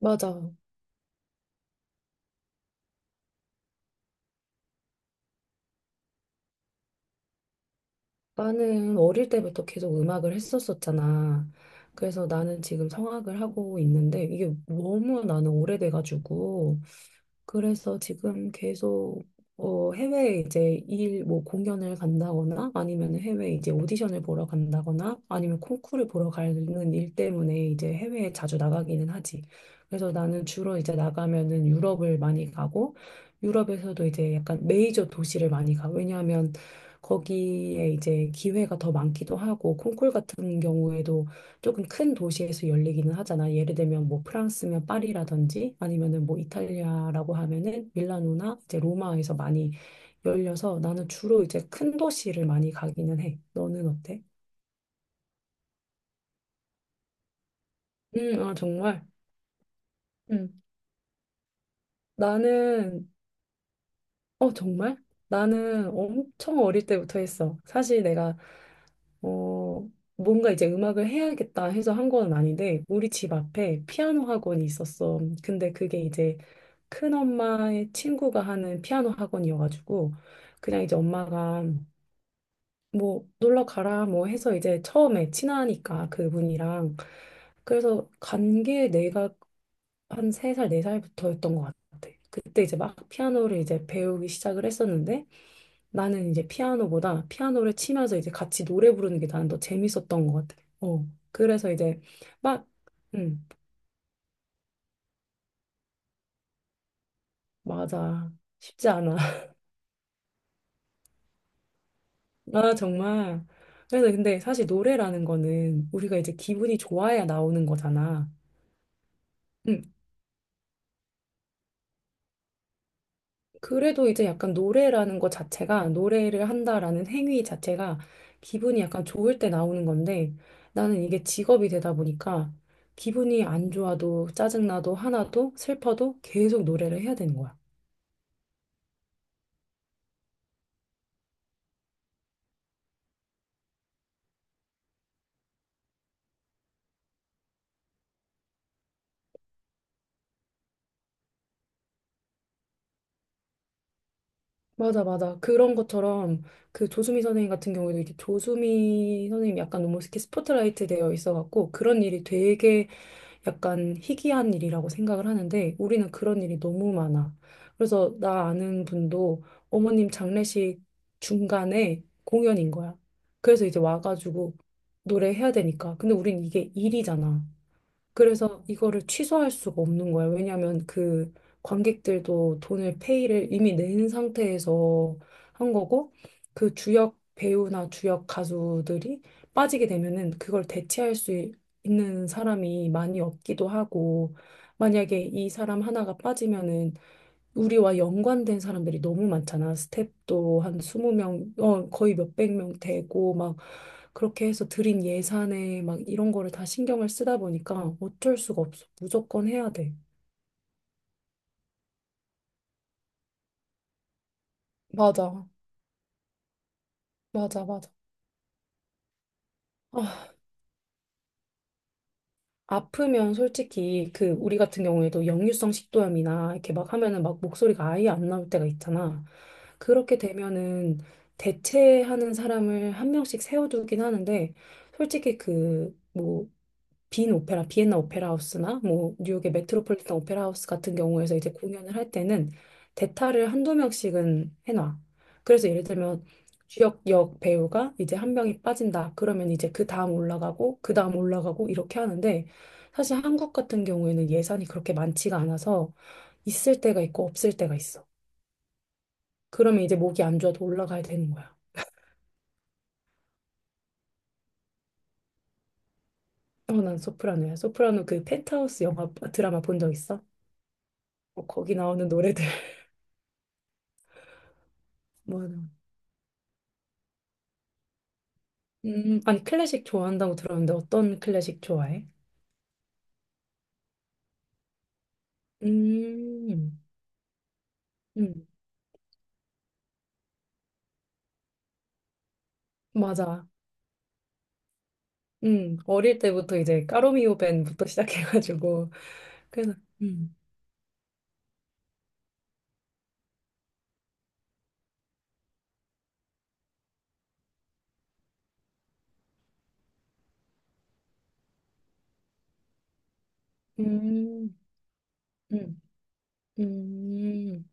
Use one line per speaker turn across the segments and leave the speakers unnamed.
맞아. 나는 어릴 때부터 계속 음악을 했었었잖아. 그래서 나는 지금 성악을 하고 있는데 이게 너무 나는 오래돼가지고 그래서 지금 계속 해외에 이제 일, 뭐 공연을 간다거나 아니면 해외 이제 오디션을 보러 간다거나 아니면 콩쿠르 보러 가는 일 때문에 이제 해외에 자주 나가기는 하지. 그래서 나는 주로 이제 나가면은 유럽을 많이 가고 유럽에서도 이제 약간 메이저 도시를 많이 가. 왜냐하면 거기에 이제 기회가 더 많기도 하고 콩쿨 같은 경우에도 조금 큰 도시에서 열리기는 하잖아. 예를 들면 뭐 프랑스면 파리라든지 아니면은 뭐 이탈리아라고 하면은 밀라노나 이제 로마에서 많이 열려서 나는 주로 이제 큰 도시를 많이 가기는 해. 너는 어때? 아, 정말. 음. 나는, 어, 정말? 나는 엄청 어릴 때부터 했어. 사실 내가, 어, 뭔가 이제 음악을 해야겠다 해서 한 건 아닌데, 우리 집 앞에 피아노 학원이 있었어. 근데 그게 이제 큰엄마의 친구가 하는 피아노 학원이어가지고 그냥 이제 엄마가 뭐 놀러 가라 뭐 해서 이제 처음에 친하니까 그분이랑 그래서 간 게 내가 한 세 살 네살부터였던것 같아. 그때 이제 막 피아노를 이제 배우기 시작을 했었는데 나는 이제 피아노보다 피아노를 치면서 이제 같이 노래 부르는 게 나는 더 재밌었던 것 같아. 어. 그래서 이제 막, 음, 맞아. 쉽지 않아. 아, 정말. 그래서 근데 사실 노래라는 거는 우리가 이제 기분이 좋아야 나오는 거잖아. 음, 그래도 이제 약간 노래라는 거 자체가, 노래를 한다라는 행위 자체가 기분이 약간 좋을 때 나오는 건데 나는 이게 직업이 되다 보니까 기분이 안 좋아도 짜증나도 하나도 슬퍼도 계속 노래를 해야 되는 거야. 맞아, 맞아. 그런 것처럼 그 조수미 선생님 같은 경우에도 이게 조수미 선생님 약간 너무 이렇게 스포트라이트 되어 있어갖고 그런 일이 되게 약간 희귀한 일이라고 생각을 하는데 우리는 그런 일이 너무 많아. 그래서 나 아는 분도 어머님 장례식 중간에 공연인 거야. 그래서 이제 와가지고 노래해야 되니까. 근데 우린 이게 일이잖아. 그래서 이거를 취소할 수가 없는 거예요. 왜냐하면 그 관객들도 돈을 페이를 이미 낸 상태에서 한 거고 그 주역 배우나 주역 가수들이 빠지게 되면은 그걸 대체할 있는 사람이 많이 없기도 하고 만약에 이 사람 하나가 빠지면은 우리와 연관된 사람들이 너무 많잖아. 스텝도 한 20명, 어, 거의 몇백 명 되고, 막, 그렇게 해서 들인 예산에 막 이런 거를 다 신경을 쓰다 보니까 어쩔 수가 없어. 무조건 해야 돼. 맞아, 맞아, 맞아. 아, 아프면 솔직히 그 우리 같은 경우에도 역류성 식도염이나 이렇게 막 하면은 막 목소리가 아예 안 나올 때가 있잖아. 그렇게 되면은 대체하는 사람을 한 명씩 세워두긴 하는데 솔직히 그뭐 빈 오페라, 비엔나 오페라 하우스나 뭐 뉴욕의 메트로폴리탄 오페라 하우스 같은 경우에서 이제 공연을 할 때는 대타를 1~2명씩은 해놔. 그래서 예를 들면 주역 역 배우가 이제 한 명이 빠진다. 그러면 이제 그 다음 올라가고 그 다음 올라가고 이렇게 하는데 사실 한국 같은 경우에는 예산이 그렇게 많지가 않아서 있을 때가 있고 없을 때가 있어. 그러면 이제 목이 안 좋아도 올라가야 되는 거야. 어, 난 소프라노야. 소프라노 그 펜트하우스 영화 드라마 본 적 있어? 어, 거기 나오는 노래들. 뭐, 아니 클래식 좋아한다고 들었는데 어떤 클래식 좋아해? 음, 음, 맞아. 어릴 때부터 이제 까로미오 밴부터 시작해가지고 그래서 음, 음, 음, 음.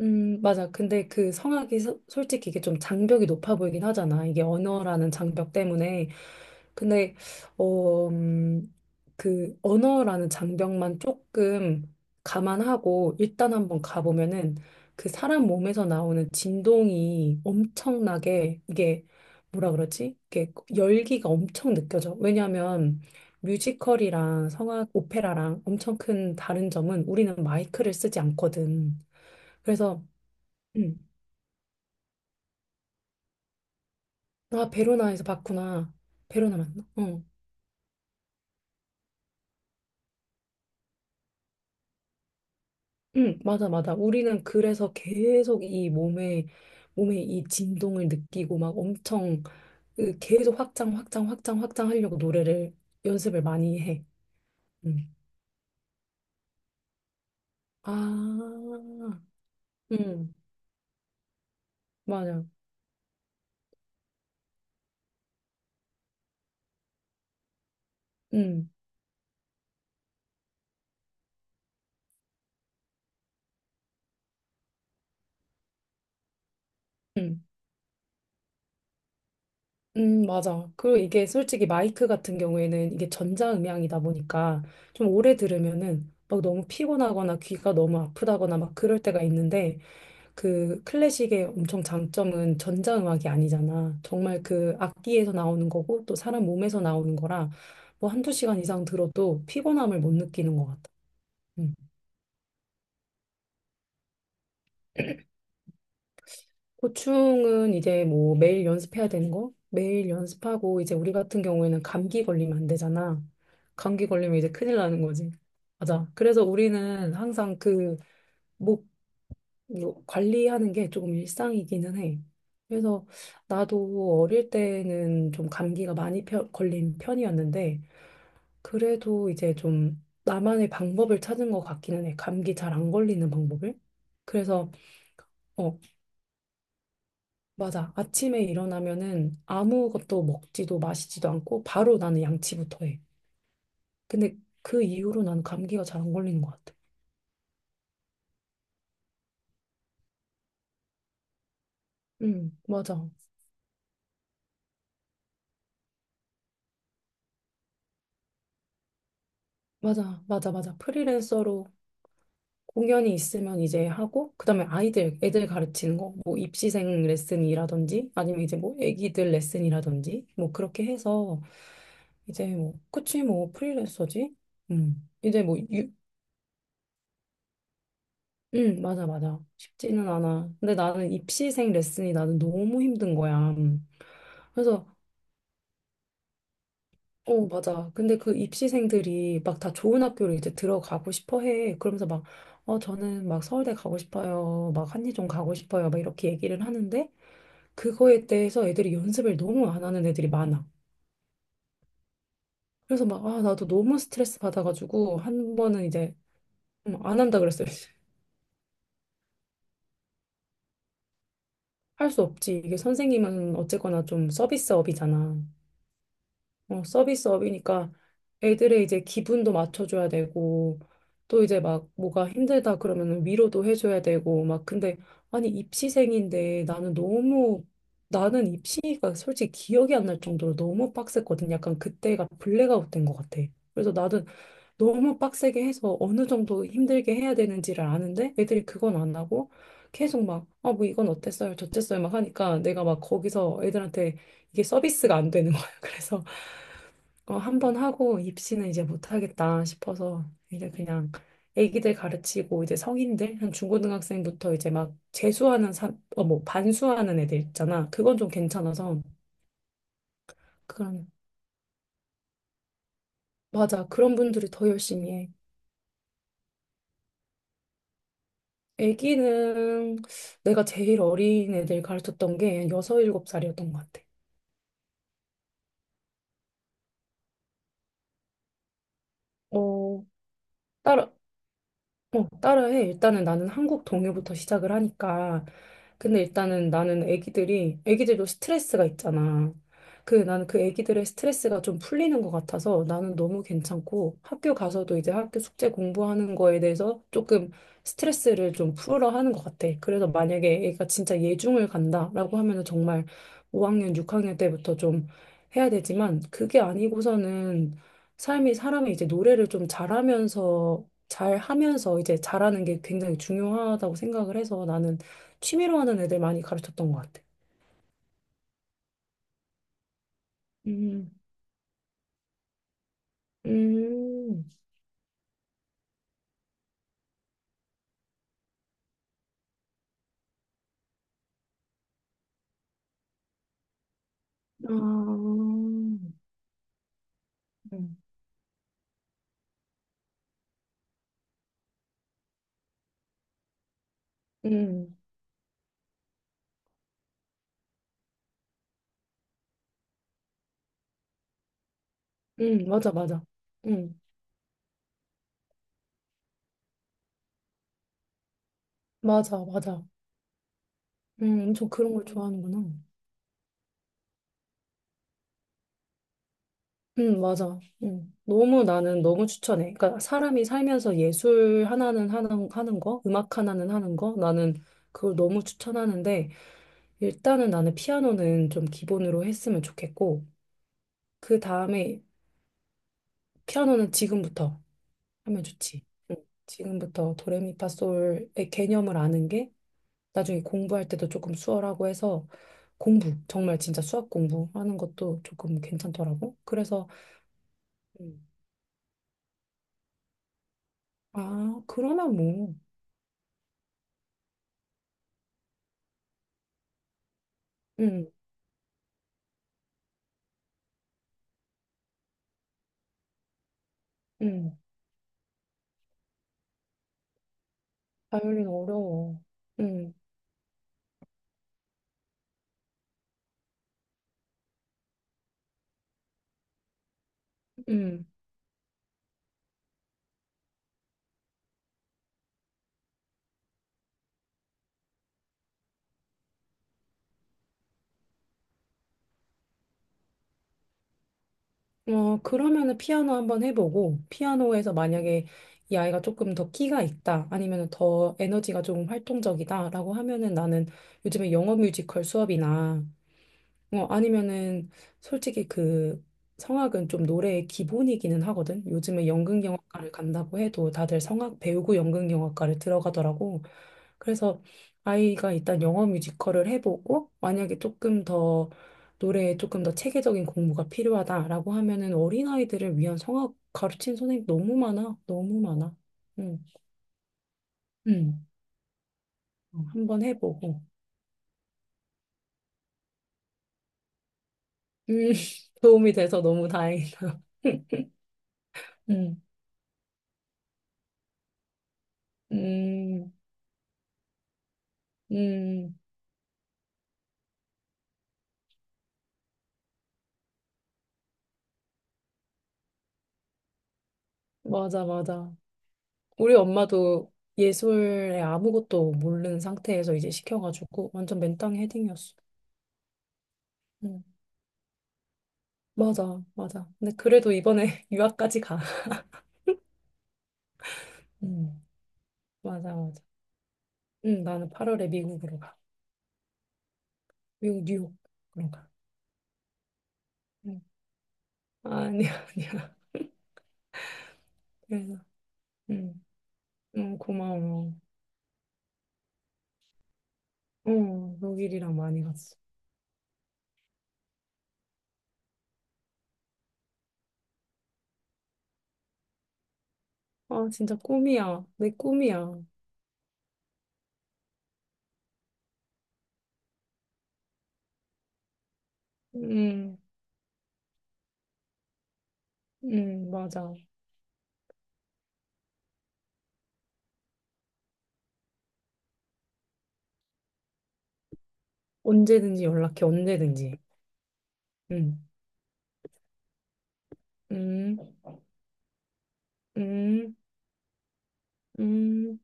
맞아. 근데 그 성악이 솔직히 이게 좀 장벽이 높아 보이긴 하잖아. 이게 언어라는 장벽 때문에. 근데, 어, 그 언어라는 장벽만 조금 감안하고 일단 한번 가보면은 그 사람 몸에서 나오는 진동이 엄청나게 이게 뭐라 그러지? 이게 열기가 엄청 느껴져. 왜냐하면 뮤지컬이랑 성악, 오페라랑 엄청 큰 다른 점은 우리는 마이크를 쓰지 않거든. 그래서 응. 아, 베로나에서 봤구나. 베로나 맞나? 어. 응, 맞아, 맞아. 우리는 그래서 계속 이 몸에, 몸에 이 진동을 느끼고 막 엄청 그 계속 확장, 확장, 확장, 확장 하려고 노래를 연습을 많이 해. 응. 아, 응, 맞아. 응, 응, 응, 맞아. 그리고 이게 솔직히 마이크 같은 경우에는 이게 전자음향이다 보니까 좀 오래 들으면은 막 너무 피곤하거나 귀가 너무 아프다거나 막 그럴 때가 있는데 그 클래식의 엄청 장점은 전자음악이 아니잖아. 정말 그 악기에서 나오는 거고 또 사람 몸에서 나오는 거라 뭐 1~2시간 이상 들어도 피곤함을 못 느끼는 것 같아. 음. 고충은 이제 뭐 매일 연습해야 되는 거? 매일 연습하고 이제 우리 같은 경우에는 감기 걸리면 안 되잖아. 감기 걸리면 이제 큰일 나는 거지. 맞아. 그래서 우리는 항상 그목 이거 관리하는 게 조금 일상이기는 해. 그래서 나도 어릴 때는 좀 감기가 많이 걸린 편이었는데, 그래도 이제 좀 나만의 방법을 찾은 것 같기는 해. 감기 잘 안 걸리는 방법을. 그래서, 어, 맞아. 아침에 일어나면은 아무것도 먹지도 마시지도 않고, 바로 나는 양치부터 해. 근데 그 이후로 나는 감기가 잘 안 걸리는 것 같아. 응, 맞아. 맞아, 맞아, 맞아. 프리랜서로 공연이 있으면 이제 하고, 그다음에 아이들, 애들 가르치는 거, 뭐 입시생 레슨이라든지, 아니면 이제 뭐 애기들 레슨이라든지, 뭐 그렇게 해서, 이제 뭐, 그치, 뭐 프리랜서지? 이제 뭐, 유, 맞아, 맞아. 쉽지는 않아. 근데 나는 입시생 레슨이 나는 너무 힘든 거야. 그래서, 어, 맞아. 근데 그 입시생들이 막 다 좋은 학교로 이제 들어가고 싶어 해. 그러면서 막, 어, 저는 막 서울대 가고 싶어요. 막 한예종 가고 싶어요. 막 이렇게 얘기를 하는데, 그거에 대해서 애들이 연습을 너무 안 하는 애들이 많아. 그래서 막, 아, 나도 너무 스트레스 받아가지고, 한 번은 이제, 안 한다 그랬어요. 할 수 없지. 이게 선생님은 어쨌거나 좀 서비스업이잖아. 어, 서비스업이니까 애들의 이제 기분도 맞춰줘야 되고, 또 이제 막 뭐가 힘들다 그러면 위로도 해줘야 되고, 막 근데, 아니, 입시생인데 나는 너무, 나는 입시가 솔직히 기억이 안 날 정도로 너무 빡셌거든. 약간 그때가 블랙아웃 된 것 같아. 그래서 나도 너무 빡세게 해서 어느 정도 힘들게 해야 되는지를 아는데 애들이 그건 안 하고 계속 막, 아, 뭐 이건 어땠어요? 저쨌어요? 막 하니까 내가 막 거기서 애들한테 이게 서비스가 안 되는 거야. 그래서 어, 한 번 하고 입시는 이제 못 하겠다 싶어서 이제 그냥 애기들 가르치고 이제 성인들 한 중고등학생부터 이제 막 재수하는 뭐 반수하는 애들 있잖아. 그건 좀 괜찮아서 그런 맞아. 그런 분들이 더 열심히 해. 아기는 내가 제일 어린 애들 가르쳤던 게 여섯, 일곱 살이었던 것 같아. 어, 딸, 따라 해. 일단은 나는 한국 동요부터 시작을 하니까. 근데 일단은 나는 애기들이, 애기들도 스트레스가 있잖아. 그, 나는 그 애기들의 스트레스가 좀 풀리는 것 같아서 나는 너무 괜찮고 학교 가서도 이제 학교 숙제 공부하는 거에 대해서 조금 스트레스를 좀 풀어 하는 것 같아. 그래서 만약에 애가 진짜 예중을 간다라고 하면은 정말 5학년, 6학년 때부터 좀 해야 되지만 그게 아니고서는 삶이 사람이 이제 노래를 좀 잘하면서 잘 하면서 이제 잘하는 게 굉장히 중요하다고 생각을 해서 나는 취미로 하는 애들 많이 가르쳤던 것 같아. 음, 음, 아, 음. 맞아, 맞아. 음, 맞아, 맞아. 엄청 그런 걸 좋아하는구나. 맞아. 너무 나는 너무 추천해. 그러니까 사람이 살면서 예술 하나는 하는, 하는 거, 음악 하나는 하는 거, 나는 그걸 너무 추천하는데, 일단은 나는 피아노는 좀 기본으로 했으면 좋겠고, 그 다음에 피아노는 지금부터 하면 좋지. 응. 지금부터 도레미파솔의 개념을 아는 게 나중에 공부할 때도 조금 수월하고 해서 공부, 정말 진짜 수학 공부하는 것도 조금 괜찮더라고. 그래서 음. 아, 그러면 뭐. 응, 응. 바이올린 어려워. 응, 응. 어, 그러면은 피아노 한번 해보고, 피아노에서 만약에 이 아이가 조금 더 끼가 있다, 아니면 더 에너지가 좀 활동적이다라고 하면은 나는 요즘에 영어 뮤지컬 수업이나, 어, 아니면은 솔직히 그 성악은 좀 노래의 기본이기는 하거든. 요즘에 연극영화과를 간다고 해도 다들 성악 배우고 연극영화과를 들어가더라고. 그래서 아이가 일단 영어 뮤지컬을 해보고 만약에 조금 더 노래에 조금 더 체계적인 공부가 필요하다라고 하면은 어린아이들을 위한 성악 가르친 선생님 너무 많아. 너무 많아. 응. 응. 어, 한번 해보고. 음, 도움이 돼서 너무 다행이다. 음, 음, 음, 맞아, 맞아. 우리 엄마도 예술에 아무것도 모르는 상태에서 이제 시켜가지고 완전 맨땅에 헤딩이었어. 응. 맞아, 맞아. 근데 그래도 이번에 유학까지 가. 음, 맞아, 맞아. 응, 나는 8월에 미국으로 가. 미국, 뉴욕. 그런 가. 응. 아, 아니야, 아니야. 그래서, 응, 응, 고마워. 어, 독일이랑 많이 갔어. 아, 진짜 꿈이야. 내 꿈이야. 응, 응, 맞아. 언제든지 연락해, 언제든지. 응, 응, 응, 응.